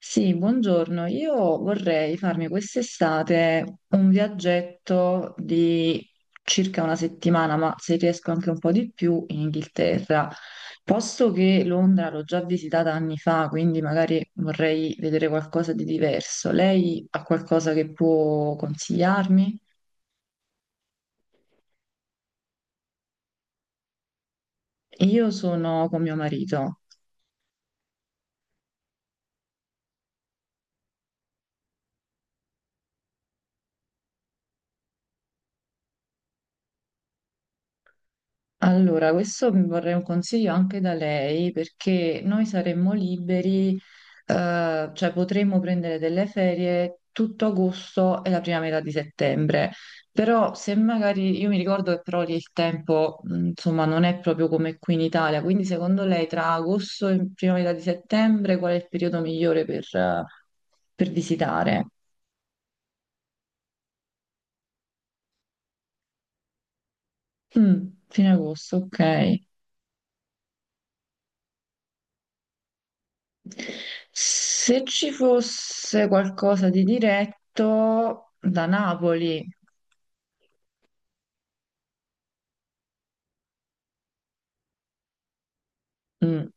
Sì, buongiorno. Io vorrei farmi quest'estate un viaggetto di circa una settimana, ma se riesco anche un po' di più in Inghilterra. Posto che Londra l'ho già visitata anni fa, quindi magari vorrei vedere qualcosa di diverso. Lei ha qualcosa che può consigliarmi? Io sono con mio marito. Allora, questo mi vorrei un consiglio anche da lei perché noi saremmo liberi, cioè potremmo prendere delle ferie tutto agosto e la prima metà di settembre, però se magari, io mi ricordo che però lì il tempo, insomma, non è proprio come qui in Italia, quindi secondo lei tra agosto e prima metà di settembre qual è il periodo migliore per visitare? Mm, fine agosto, ok. Se ci fosse qualcosa di diretto da Napoli. Mm,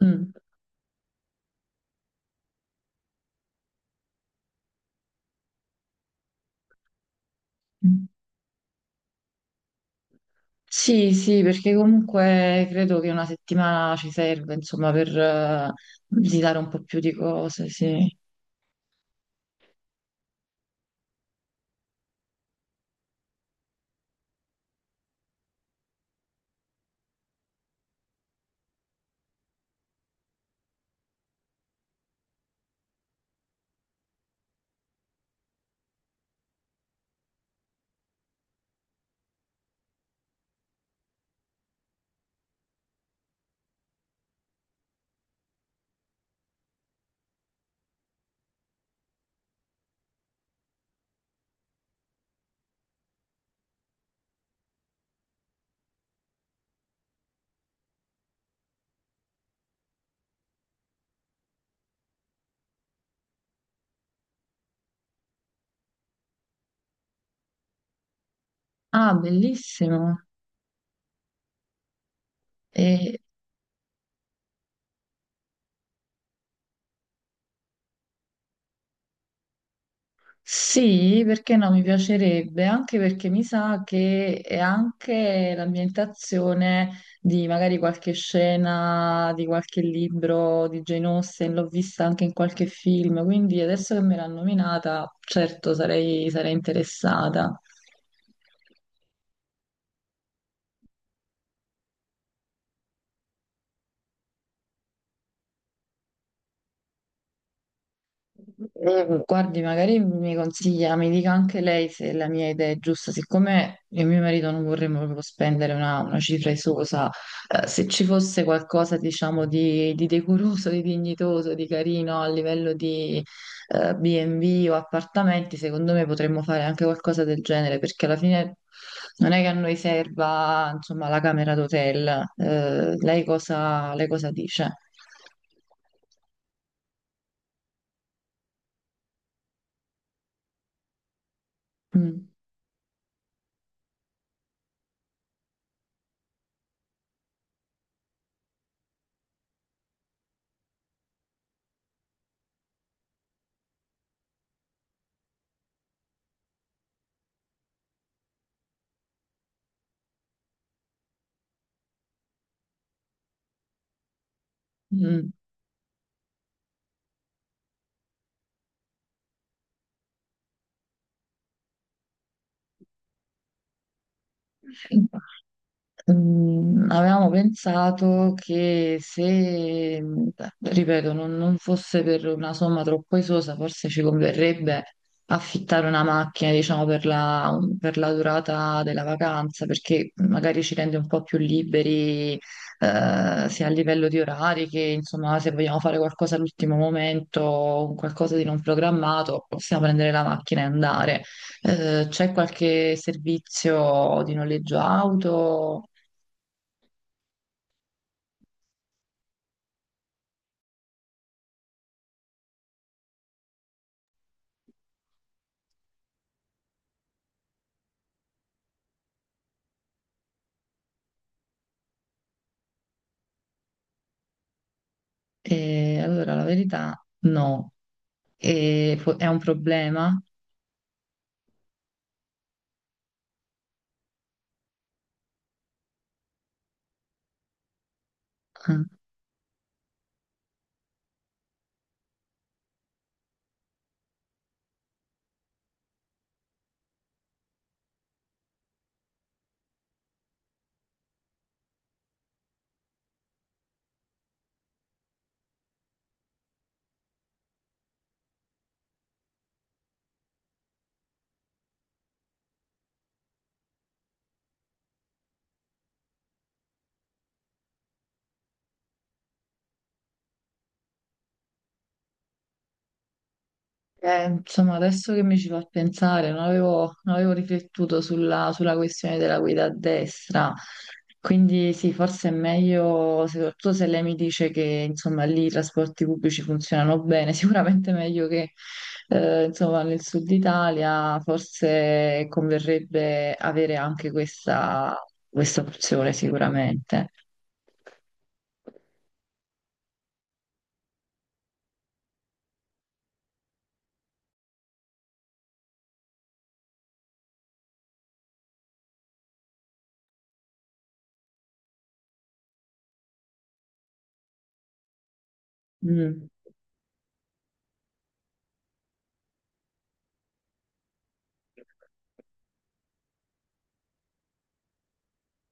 mm. Sì, sì, perché comunque credo che una settimana ci serve, insomma, per visitare un po' più di cose, sì. Ah, bellissimo. E, sì, perché no, mi piacerebbe, anche perché mi sa che è anche l'ambientazione di magari qualche scena di qualche libro di Jane Austen, l'ho vista anche in qualche film, quindi adesso che me l'ha nominata, certo sarei, sarei interessata. Guardi, magari mi consiglia, mi dica anche lei se la mia idea è giusta, siccome io e mio marito non vorremmo proprio spendere una cifra esosa, se ci fosse qualcosa, diciamo, di decoroso, di dignitoso, di carino a livello di B&B o appartamenti, secondo me potremmo fare anche qualcosa del genere, perché alla fine non è che a noi serva, insomma, la camera d'hotel. Lei cosa dice? Mm, mm. Mm, avevamo pensato che se, mm, ripeto, non, non fosse per una somma troppo esosa, forse ci converrebbe affittare una macchina, diciamo, per la durata della vacanza, perché magari ci rende un po' più liberi, sia a livello di orari che, insomma, se vogliamo fare qualcosa all'ultimo momento, qualcosa di non programmato, possiamo prendere la macchina e andare. C'è qualche servizio di noleggio auto? Allora, la verità no, è un problema. Insomma, adesso che mi ci fa pensare, non avevo, non avevo riflettuto sulla, sulla questione della guida a destra, quindi sì, forse è meglio, soprattutto se lei mi dice che insomma, lì i trasporti pubblici funzionano bene, sicuramente meglio che insomma, nel sud Italia, forse converrebbe avere anche questa opzione, sicuramente. Mm.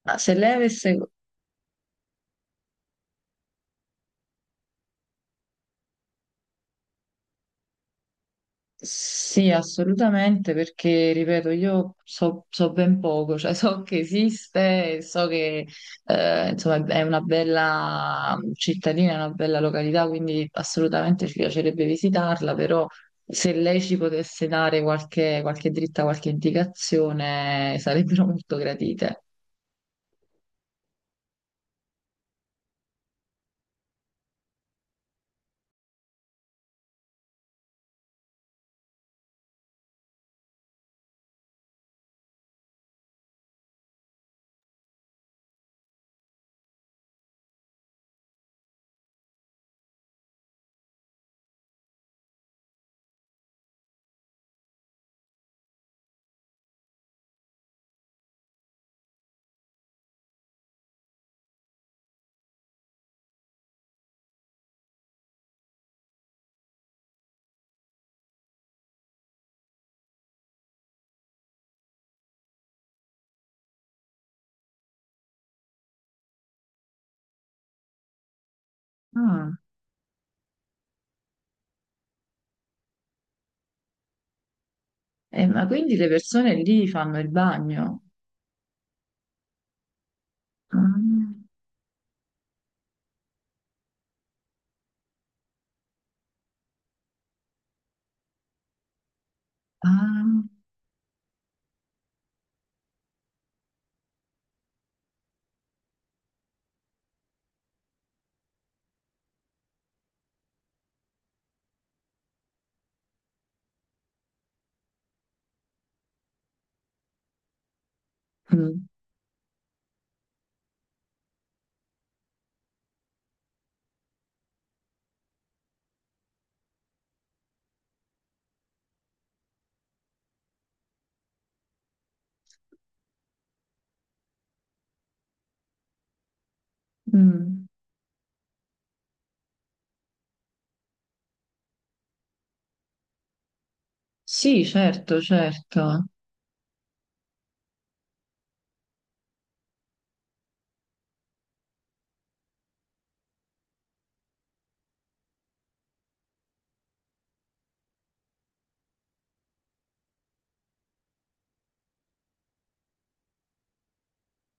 Ma se lei avesse... Sì, assolutamente, perché, ripeto, io so, so ben poco, cioè so che esiste, e so che insomma, è una bella cittadina, è una bella località, quindi assolutamente ci piacerebbe visitarla, però se lei ci potesse dare qualche, qualche dritta, qualche indicazione, sarebbero molto gratite. Ah, ma quindi le persone lì fanno il bagno? Ah, ah, mm, mm. Sì, certo, certo.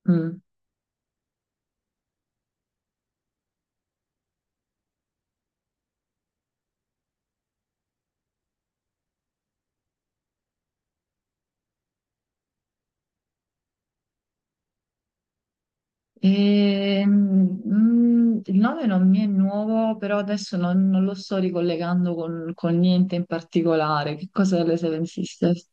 Mm. Mm, il nome non mi è nuovo, però adesso non, non lo sto ricollegando con niente in particolare. Che cosa le Seven Sisters?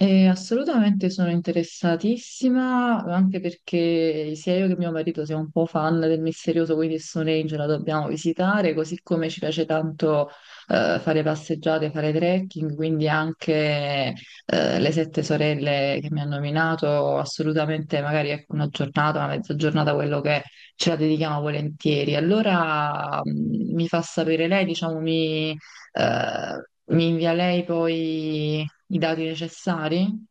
Assolutamente sono interessatissima, anche perché sia io che mio marito siamo un po' fan del misterioso quindi Stone Age, la dobbiamo visitare, così come ci piace tanto fare passeggiate, fare trekking, quindi anche le sette sorelle che mi hanno nominato, assolutamente magari ecco, una giornata, una mezza giornata, quello che è, ce la dedichiamo volentieri. Allora mi fa sapere lei, diciamo, eh, mi invia lei poi i dati necessari?